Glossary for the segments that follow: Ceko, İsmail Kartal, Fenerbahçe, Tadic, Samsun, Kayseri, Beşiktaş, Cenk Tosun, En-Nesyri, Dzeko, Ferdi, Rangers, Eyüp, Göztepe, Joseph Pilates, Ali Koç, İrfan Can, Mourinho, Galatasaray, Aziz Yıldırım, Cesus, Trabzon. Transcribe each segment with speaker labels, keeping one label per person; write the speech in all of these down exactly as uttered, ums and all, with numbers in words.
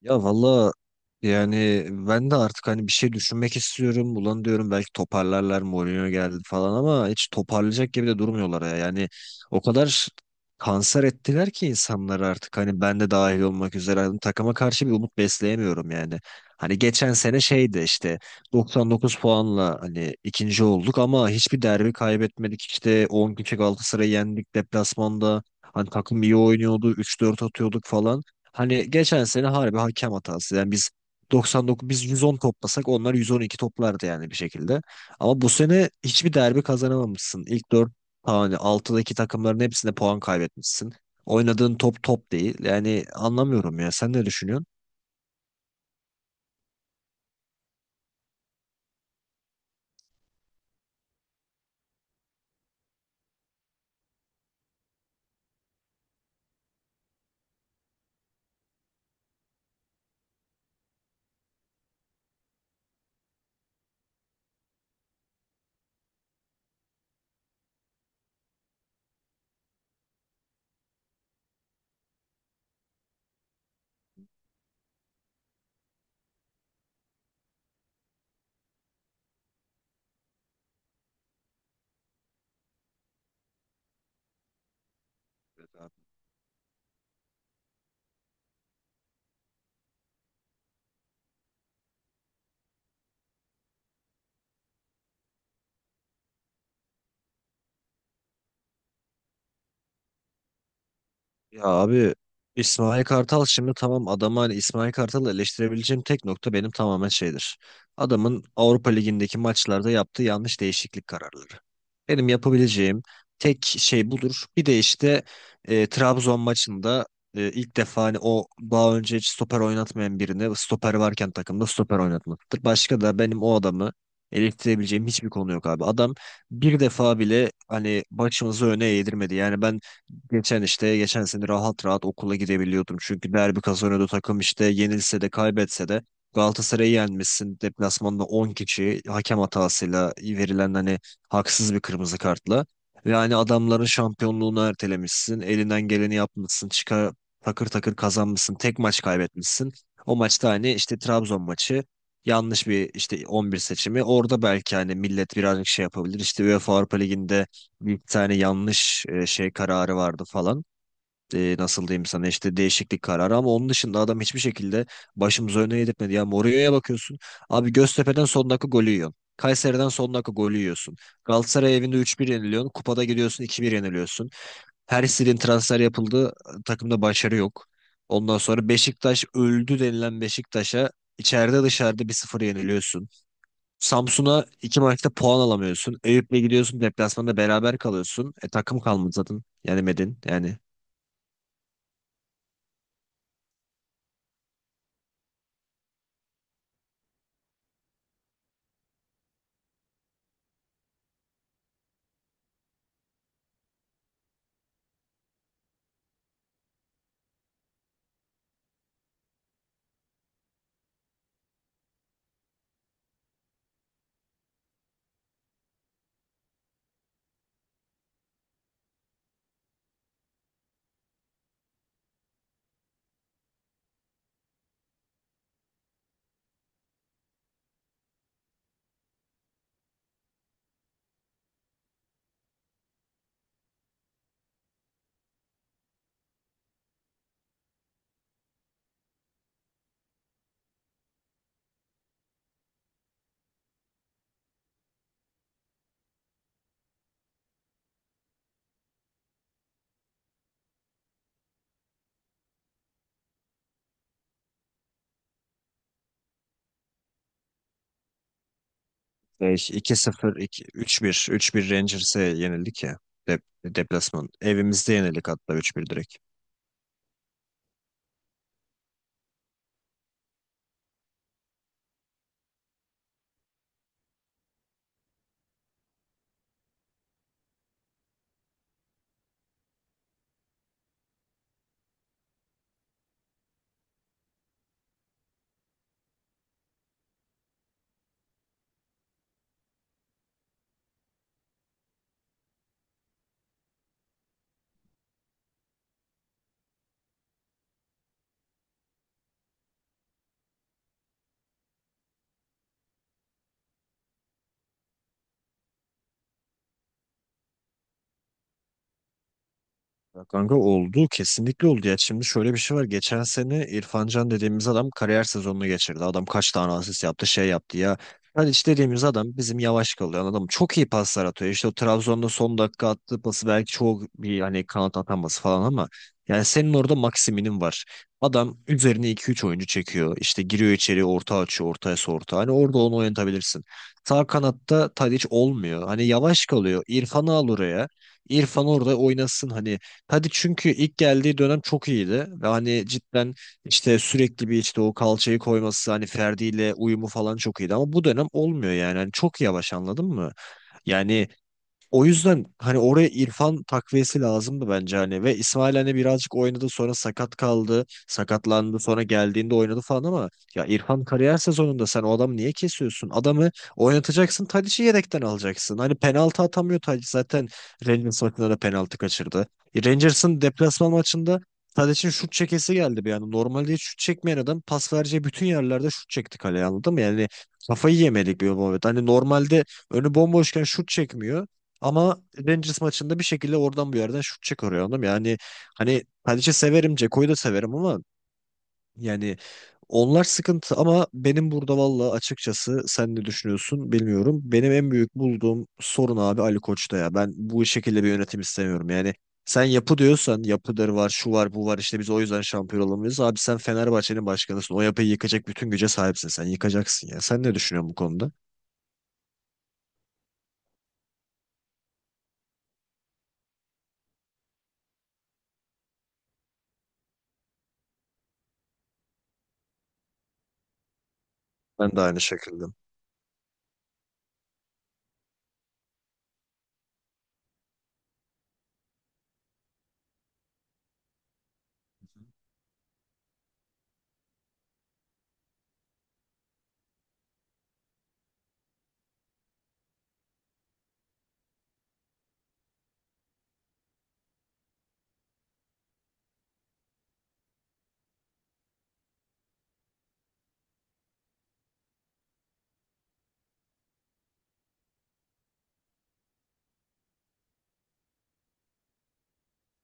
Speaker 1: Ya valla yani ben de artık hani bir şey düşünmek istiyorum. Ulan diyorum belki toparlarlar Mourinho geldi falan ama hiç toparlayacak gibi de durmuyorlar ya. Yani o kadar kanser ettiler ki insanları artık hani ben de dahil olmak üzere hani takıma karşı bir umut besleyemiyorum yani. Hani geçen sene şeydi işte doksan dokuz puanla hani ikinci olduk ama hiçbir derbi kaybetmedik. İşte on kişi Galatasaray'ı yendik deplasmanda. Hani takım iyi oynuyordu üç dört atıyorduk falan. Hani geçen sene harbi hakem hatası. Yani biz 99 biz yüz on toplasak onlar yüz on iki toplardı yani bir şekilde. Ama bu sene hiçbir derbi kazanamamışsın. İlk dört, hani altıdaki takımların hepsinde puan kaybetmişsin. Oynadığın top top değil. Yani anlamıyorum ya. Sen ne düşünüyorsun? Ya abi İsmail Kartal şimdi tamam adamı hani İsmail Kartal'ı eleştirebileceğim tek nokta benim tamamen şeydir. Adamın Avrupa Ligi'ndeki maçlarda yaptığı yanlış değişiklik kararları. Benim yapabileceğim tek şey budur. Bir de işte e, Trabzon maçında e, ilk defa hani o daha önce hiç stoper oynatmayan birini stoper varken takımda stoper oynatmaktır. Başka da benim o adamı eleştirebileceğim hiçbir konu yok abi. Adam bir defa bile hani başımızı öne eğdirmedi. Yani ben geçen işte geçen sene rahat rahat okula gidebiliyordum. Çünkü derbi kazanıyordu takım işte yenilse de kaybetse de Galatasaray'ı yenmişsin. Deplasmanda on kişi hakem hatasıyla verilen hani haksız bir kırmızı kartla. Ve hani adamların şampiyonluğunu ertelemişsin. Elinden geleni yapmışsın. Çıkar takır takır kazanmışsın. Tek maç kaybetmişsin. O maçta hani işte Trabzon maçı yanlış bir işte on bir seçimi. Orada belki hani millet birazcık şey yapabilir. İşte UEFA Avrupa Ligi'nde bir tane yanlış e, şey kararı vardı falan. E, nasıl diyeyim sana işte değişiklik kararı ama onun dışında adam hiçbir şekilde başımıza öne yedirtmedi. Ya Mourinho'ya bakıyorsun. Abi Göztepe'den son dakika golü yiyorsun. Kayseri'den son dakika golü yiyorsun. Galatasaray evinde üç bir yeniliyorsun. Kupada gidiyorsun iki bir yeniliyorsun. Her istediğin transfer yapıldı. Takımda başarı yok. Ondan sonra Beşiktaş öldü denilen Beşiktaş'a içeride dışarıda bir sıfır yeniliyorsun. Samsun'a iki maçta puan alamıyorsun. Eyüp'le gidiyorsun deplasmanda beraber kalıyorsun. E takım kalmadı zaten. Yani medin, yani e, 2-0, 2 3-1, 3-1 Rangers'e yenildik ya. Dep deplasman. Evimizde yenildik hatta üç bir direkt. Ya kanka oldu. Kesinlikle oldu ya. Şimdi şöyle bir şey var. Geçen sene İrfan Can dediğimiz adam kariyer sezonunu geçirdi. Adam kaç tane asist yaptı şey yaptı ya. Hadi işte dediğimiz adam bizim yavaş kalıyor. Adam çok iyi paslar atıyor. İşte o Trabzon'da son dakika attığı pası belki çok bir hani kanat ataması falan ama yani senin orada maksiminin var. Adam üzerine iki üç oyuncu çekiyor. İşte giriyor içeri orta açıyor. Ortaya orta. Hani orada onu oynatabilirsin. Sağ kanatta Tadic olmuyor. Hani yavaş kalıyor. İrfan'ı al oraya. İrfan orada oynasın hani. Hadi çünkü ilk geldiği dönem çok iyiydi. Ve hani cidden işte sürekli bir işte o kalçayı koyması hani Ferdi ile uyumu falan çok iyiydi. Ama bu dönem olmuyor yani. Hani çok yavaş, anladın mı? Yani o yüzden hani oraya İrfan takviyesi lazımdı bence hani ve İsmail hani birazcık oynadı sonra sakat kaldı sakatlandı sonra geldiğinde oynadı falan ama ya İrfan kariyer sezonunda sen o adamı niye kesiyorsun? Adamı oynatacaksın, Tadic'i yedekten alacaksın. Hani penaltı atamıyor Tadic zaten, Rangers maçında da penaltı kaçırdı. E, Rangers'ın deplasman maçında Tadic'in şut çekesi geldi bir anda. Normalde hiç şut çekmeyen adam pas vereceği bütün yerlerde şut çekti kaleye, anladın mı? Yani kafayı yemedik bir muhabbet. Hani normalde önü bomboşken şut çekmiyor. Ama Rangers maçında bir şekilde oradan bir yerden şut çıkarıyor, anladın mı? Yani hani Tadic'i severim, Ceko'yu da severim ama yani onlar sıkıntı, ama benim burada valla açıkçası sen ne düşünüyorsun bilmiyorum. Benim en büyük bulduğum sorun abi Ali Koç'ta ya. Ben bu şekilde bir yönetim istemiyorum. Yani sen yapı diyorsan, yapıları var, şu var, bu var, işte biz o yüzden şampiyon olamıyoruz. Abi sen Fenerbahçe'nin başkanısın. O yapıyı yıkacak bütün güce sahipsin. Sen yıkacaksın ya. Sen ne düşünüyorsun bu konuda? Ben de aynı şekilde.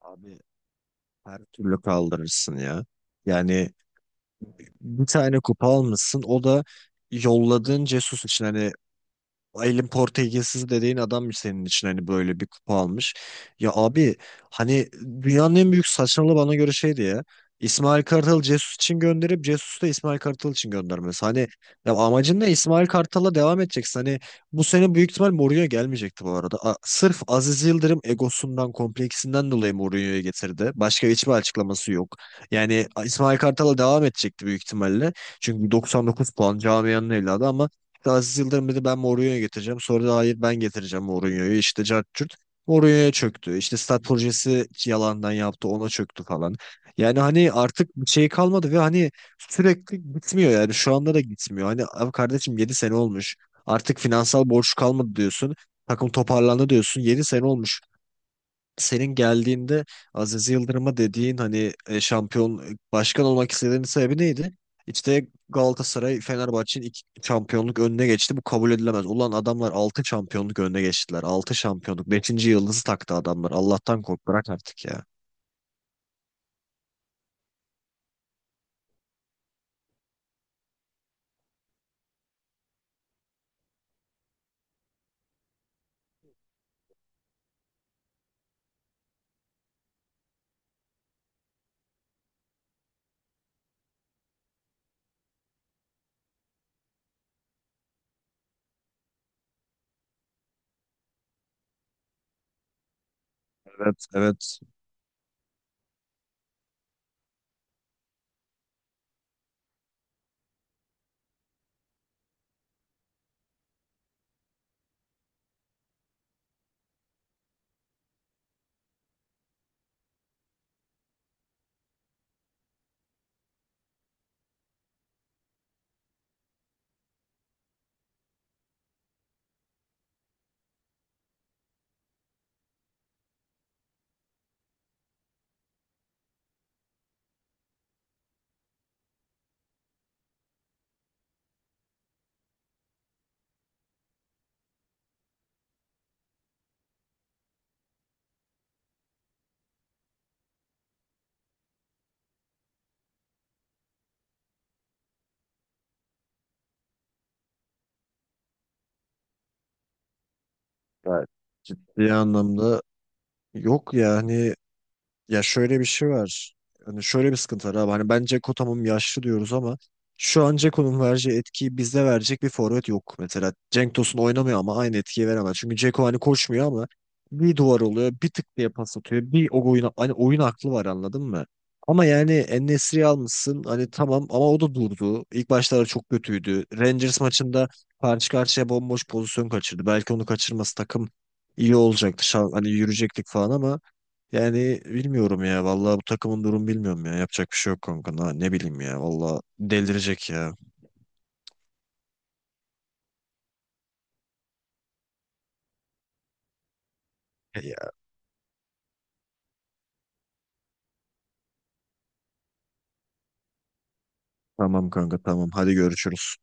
Speaker 1: Abi her türlü kaldırırsın ya. Yani bir tane kupa almışsın. O da yolladığın Cesus için hani. Elin Portekizsiz dediğin adammış senin için hani, böyle bir kupa almış. Ya abi hani dünyanın en büyük saçmalığı bana göre şeydi ya. İsmail Kartal Jesus için gönderip Jesus'u da İsmail Kartal için göndermesi. Hani ya amacın ne? İsmail Kartal'la devam edeceksin. Hani bu sene büyük ihtimal Mourinho gelmeyecekti bu arada. A- sırf Aziz Yıldırım egosundan, kompleksinden dolayı Mourinho'yu getirdi. Başka hiçbir açıklaması yok. Yani İsmail Kartal'la devam edecekti büyük ihtimalle. Çünkü doksan dokuz puan camianın evladı ama Aziz Yıldırım dedi ben Mourinho'yu getireceğim. Sonra da hayır ben getireceğim Mourinho'yu. İşte cart curt. Mourinho'ya çöktü. İşte stat projesi yalandan yaptı ona çöktü falan. Yani hani artık bir şey kalmadı ve hani sürekli gitmiyor yani şu anda da gitmiyor. Hani abi kardeşim yedi sene olmuş. Artık finansal borç kalmadı diyorsun. Takım toparlandı diyorsun. Yedi sene olmuş senin geldiğinde Aziz Yıldırım'a dediğin hani e, şampiyon e, başkan olmak istediğinin sebebi neydi? İşte Galatasaray Fenerbahçe'nin iki şampiyonluk önüne geçti. Bu kabul edilemez. Ulan adamlar altı şampiyonluk önüne geçtiler. Altı şampiyonluk. Beşinci yıldızı taktı adamlar. Allah'tan kork, bırak artık ya. Evet, evet. Ya, ciddi anlamda yok yani. Ya şöyle bir şey var. Hani şöyle bir sıkıntı var abi. Hani ben Dzeko tamam yaşlı diyoruz ama şu an Dzeko'nun vereceği etkiyi bizde verecek bir forvet yok. Mesela Cenk Tosun oynamıyor ama aynı etkiyi veremez. Çünkü Dzeko hani koşmuyor ama bir duvar oluyor, bir tık diye pas atıyor. Bir o oyun, hani oyun aklı var, anladın mı? Ama yani En-Nesyri'yi almışsın hani tamam ama o da durdu. İlk başlarda çok kötüydü. Rangers maçında karşı karşıya bomboş pozisyon kaçırdı. Belki onu kaçırması takım iyi olacaktı. Şan- Hani yürüyecektik falan ama yani bilmiyorum ya. Vallahi bu takımın durum bilmiyorum ya. Yapacak bir şey yok kanka. Na- Ne bileyim ya. Vallahi delirecek ya. Ya tamam kanka, tamam. Hadi görüşürüz.